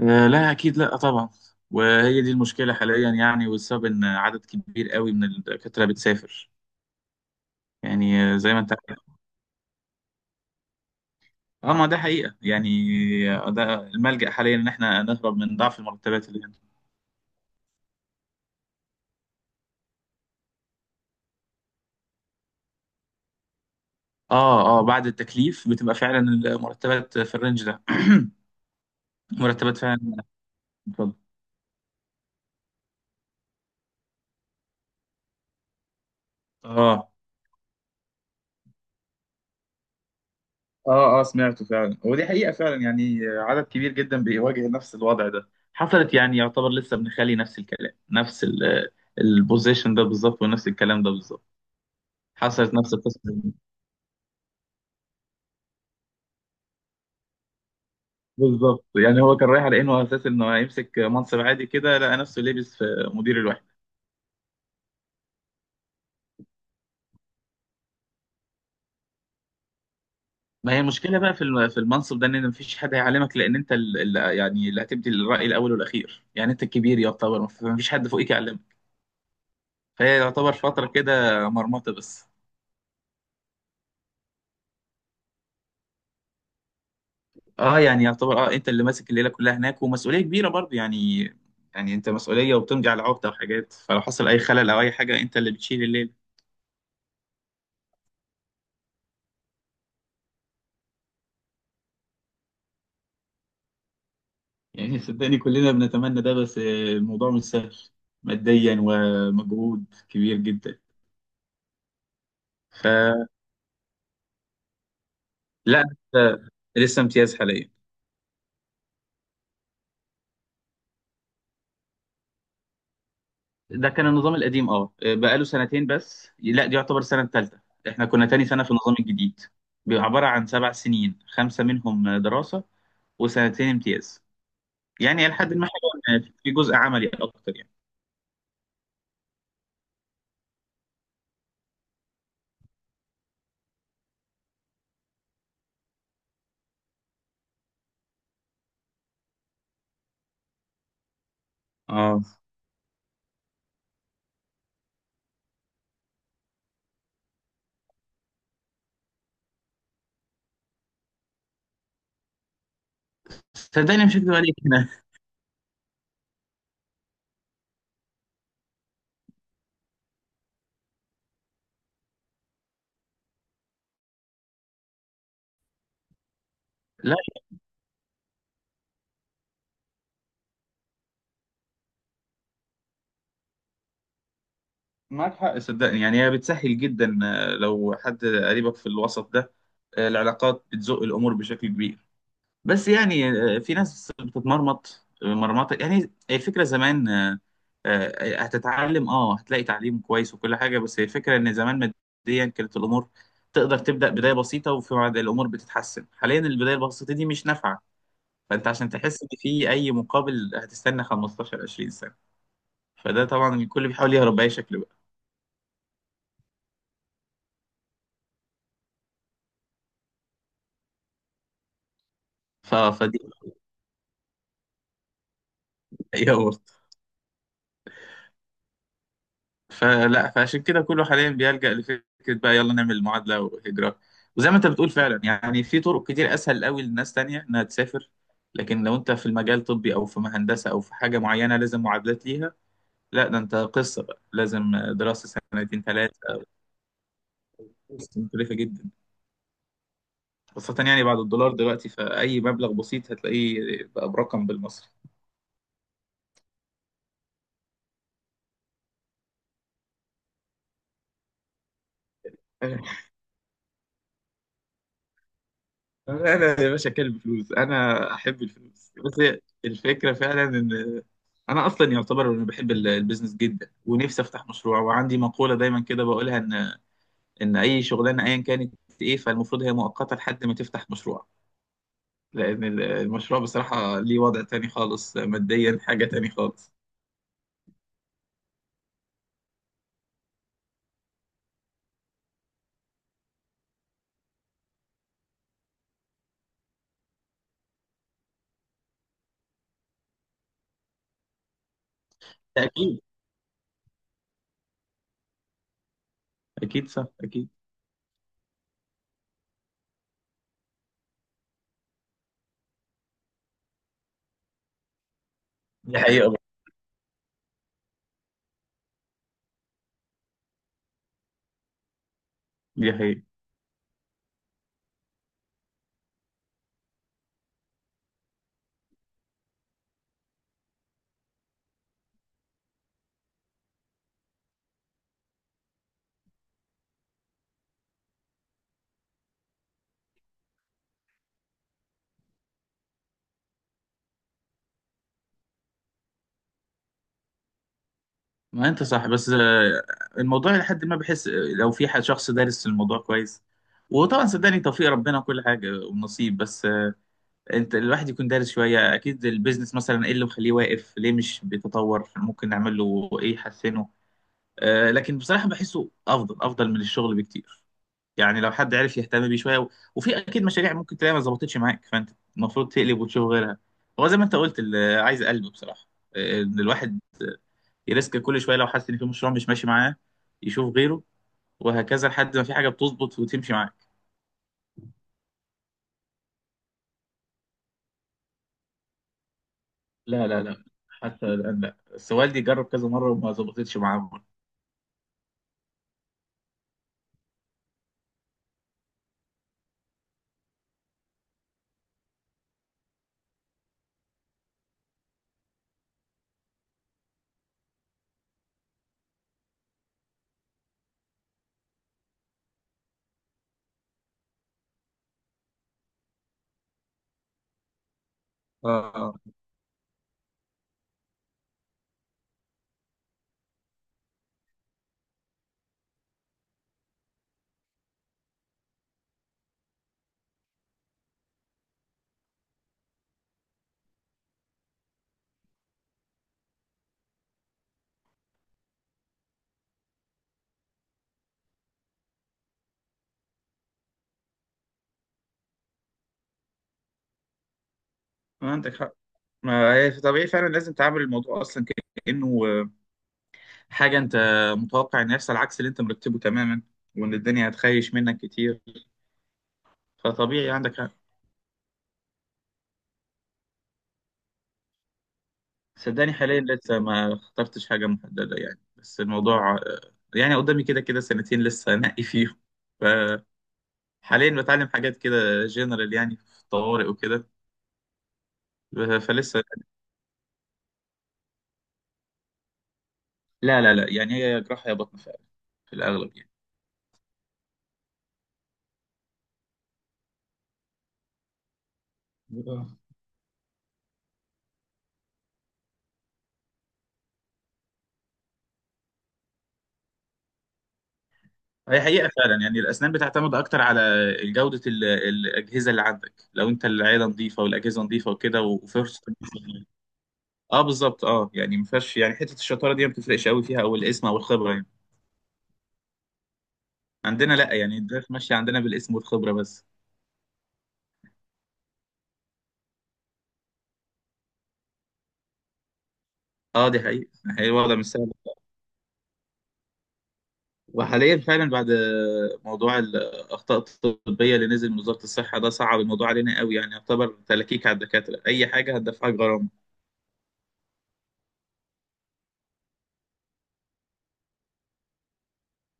آه، لا، اكيد لا، طبعا. وهي دي المشكله حاليا، يعني، والسبب ان عدد كبير قوي من الدكاتره بتسافر. يعني زي ما انت عارف. اه، ما ده حقيقه يعني. ده الملجأ حاليا ان احنا نهرب من ضعف المرتبات اللي هنا. اه اه، بعد التكليف بتبقى فعلا المرتبات في الرينج ده. مرتبات فعلا. اتفضل. اه اه اه، سمعته فعلا، ودي حقيقة فعلا، يعني عدد كبير جدا بيواجه نفس الوضع ده. حصلت، يعني يعتبر لسه ابن خالي نفس الكلام، نفس البوزيشن ده بالظبط ونفس الكلام ده بالظبط. حصلت نفس القصة دي. بالظبط، يعني هو كان رايح على انه، على اساس انه هيمسك منصب عادي كده، لقى نفسه لابس في مدير الوحدة. ما هي المشكلة بقى في في المنصب ده ان مفيش حد هيعلمك، لان انت اللي، يعني اللي هتبدي الرأي الاول والاخير، يعني انت الكبير يعتبر مفيش حد فوقيك يعلمك. فهي يعتبر فترة كده مرمطة بس. اه، يعني يعتبر، اه، انت اللي ماسك الليله كلها هناك، ومسؤوليه كبيره برضه يعني. يعني انت مسؤوليه وبتمضي على عقده وحاجات، فلو حصل اي خلل او اي حاجه انت اللي بتشيل الليله. يعني صدقني كلنا بنتمنى ده، بس الموضوع مش سهل ماديا، ومجهود كبير جدا. فلا آه، لسه امتياز حاليا. ده كان النظام القديم، اه، بقاله سنتين بس. لا، دي يعتبر السنه الثالثه. احنا كنا تاني سنه في النظام الجديد. بيبقى عباره عن 7 سنين، خمسه منهم دراسه وسنتين امتياز. يعني لحد ما حلو إن في جزء عملي اكتر يعني. اه. صدقني مش هكدب عليك هنا. لا، معاك حق صدقني، يعني هي بتسهل جدا لو حد قريبك في الوسط ده. العلاقات بتزق الامور بشكل كبير، بس يعني في ناس بتتمرمط مرمطه. يعني الفكره زمان هتتعلم، هتلاقي تعليم كويس وكل حاجه، بس هي الفكره ان زمان ماديا كانت الامور تقدر تبدا بدايه بسيطه وفي بعد الامور بتتحسن. حاليا البدايه البسيطه دي مش نافعه، فانت عشان تحس ان في اي مقابل هتستنى 15 20 سنه. فده طبعا الكل بيحاول يهرب باي شكل بقى. فدي حقيقه برضه. فلا فعشان كده كله حاليا بيلجأ لفكره بقى، يلا نعمل معادله وهجره. وزي ما انت بتقول فعلا، يعني في طرق كتير اسهل قوي لناس تانية انها تسافر، لكن لو انت في المجال الطبي او في هندسه او في حاجه معينه لازم معادلات ليها. لا، ده انت قصه بقى، لازم دراسه سنتين ثلاثه. قصه مكلفه جدا، خاصه يعني بعد الدولار دلوقتي، فاي مبلغ بسيط هتلاقيه بقى برقم بالمصري. انا أنا يا باشا كلب فلوس، انا احب الفلوس. بس هي الفكره فعلا ان انا اصلا يعتبر انا بحب البيزنس جدا ونفسي افتح مشروع. وعندي مقوله دايما كده بقولها ان اي شغلانه ايا كانت ايه، فالمفروض هي مؤقته لحد ما تفتح مشروع، لان المشروع بصراحه ليه وضع تاني خالص، ماديا حاجه تاني خالص. اكيد، اكيد صح، اكيد. دي حقيقه. دي حقيقه. ما انت صح، بس الموضوع لحد ما بحس لو في حد شخص دارس الموضوع كويس، وطبعا صدقني توفيق ربنا وكل حاجه ونصيب، بس انت الواحد يكون دارس شويه اكيد البيزنس، مثلا ايه اللي مخليه واقف، ليه مش بيتطور، ممكن نعمل له ايه يحسنه. لكن بصراحه بحسه افضل افضل من الشغل بكتير. يعني لو حد عرف يهتم بيه شويه وفي اكيد مشاريع ممكن تلاقيها ما ظبطتش معاك، فانت المفروض تقلب وتشوف غيرها. هو زي ما انت قلت اللي عايز قلب بصراحه، ان الواحد يريسك كل شويه لو حاسس ان في مشروع مش ماشي معاه يشوف غيره، وهكذا لحد ما في حاجه بتظبط وتمشي معاك. لا لا لا، حتى الان لا، بس والدي جرب كذا مره وما ظبطتش معاه مرة. اه، ما عندك حق، ما هي طبيعي فعلا لازم تعامل الموضوع اصلا كانه حاجه انت متوقع ان يحصل عكس اللي انت مرتبه تماما، وان الدنيا هتخيش منك كتير، فطبيعي عندك حق. صدقني حاليا لسه ما اخترتش حاجة محددة يعني. بس الموضوع يعني قدامي كده كده سنتين لسه انقي فيهم، فحاليا بتعلم حاجات كده جنرال، يعني في طوارئ وكده. فلسه، لا لا لا، يعني هي جراحة يا بطن فعلا في الأغلب يعني. آه. هي حقيقة فعلا يعني الأسنان بتعتمد أكتر على جودة الأجهزة اللي عندك، لو أنت العيادة نظيفة والأجهزة نظيفة وكده، وفرصة. أه بالظبط، أه، يعني ما فيهاش يعني حتة الشطارة دي ما بتفرقش قوي فيها، أو الاسم أو الخبرة يعني. عندنا لا، يعني الدراسة ماشية عندنا بالاسم والخبرة بس. اه، دي حقيقة. هي الوضع مش سهل، وحاليا فعلا بعد موضوع الأخطاء الطبية اللي نزل من وزارة الصحة ده صعب الموضوع علينا قوي، يعني يعتبر تلكيك على الدكاترة، أي حاجة هتدفعك غرامة.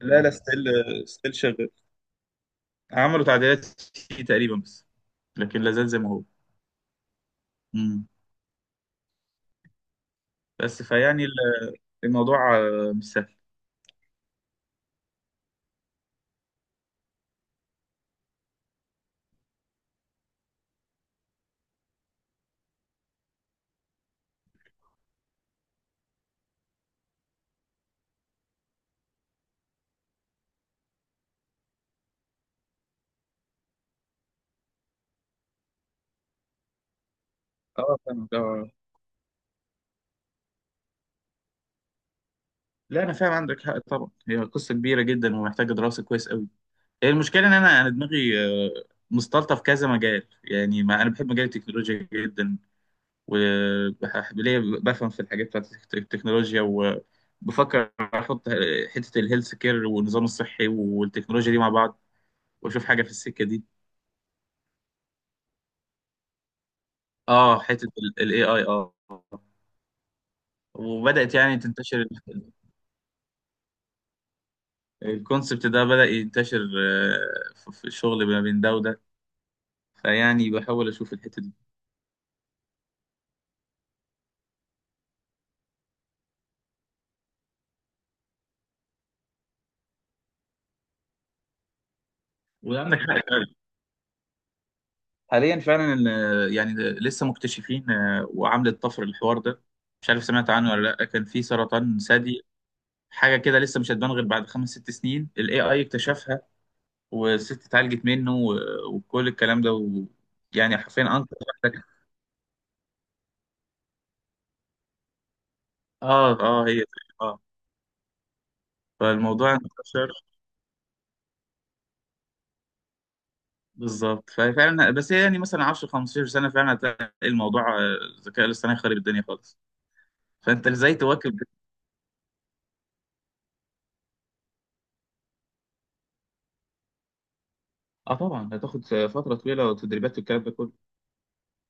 لا لا، ستيل، ستيل شغال. عملوا تعديلات فيه تقريبا بس، لكن لا زال زي ما هو. مم. بس فيعني الموضوع مش سهل. اه، فاهم آه. لا، أنا فاهم، عندك حق طبعا، هي قصة كبيرة جدا ومحتاجة دراسة كويس قوي. هي المشكله ان انا دماغي آه، مسطلطه في كذا مجال. يعني ما انا بحب مجال التكنولوجيا جدا، وبحب ليا بفهم في الحاجات بتاعت التكنولوجيا. وبفكر احط حته الهيلث كير والنظام الصحي والتكنولوجيا دي مع بعض، واشوف حاجه في السكه دي. اه، حته الاي اي، وبدات يعني تنتشر. الكونسبت ده بدا ينتشر في الشغل ما بين ده وده، فيعني بحاول اشوف الحته دي. وعندك حق، حاليا فعلا يعني لسه مكتشفين وعامله طفر الحوار ده. مش عارف سمعت عنه ولا لا، كان في سرطان ثدي حاجه كده لسه مش هتبان غير بعد 5 6 سنين، الاي اي اكتشفها، والست اتعالجت منه، وكل الكلام ده يعني حرفيا انقذ واحدة. اه اه هي، اه فالموضوع انتشر بالظبط، ففعلا بس هي يعني مثلا 10 15 سنه فعلا هتلاقي الموضوع الذكاء الاصطناعي خارب الدنيا خالص، فانت ازاي تواكب ده؟ اه طبعا هتاخد فتره طويله وتدريبات والكلام ده كله،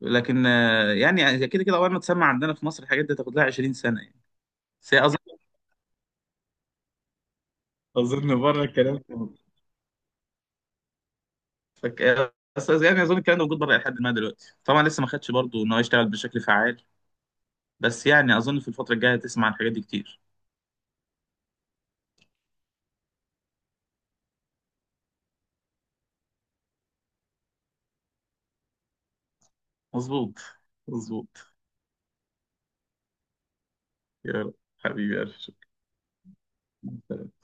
لكن يعني كده كده اول ما تسمع عندنا في مصر الحاجات دي تاخد لها 20 سنه يعني. بس هي اظن، اظن بره الكلام. فك... بس يعني اظن الكلام ده موجود بره. لحد ما دلوقتي طبعا لسه ما خدش برضه ان هو يشتغل بشكل فعال، بس يعني اظن في الفتره الجايه هتسمع عن الحاجات دي كتير. مظبوط، مظبوط. يا رب حبيبي، ألف شكر.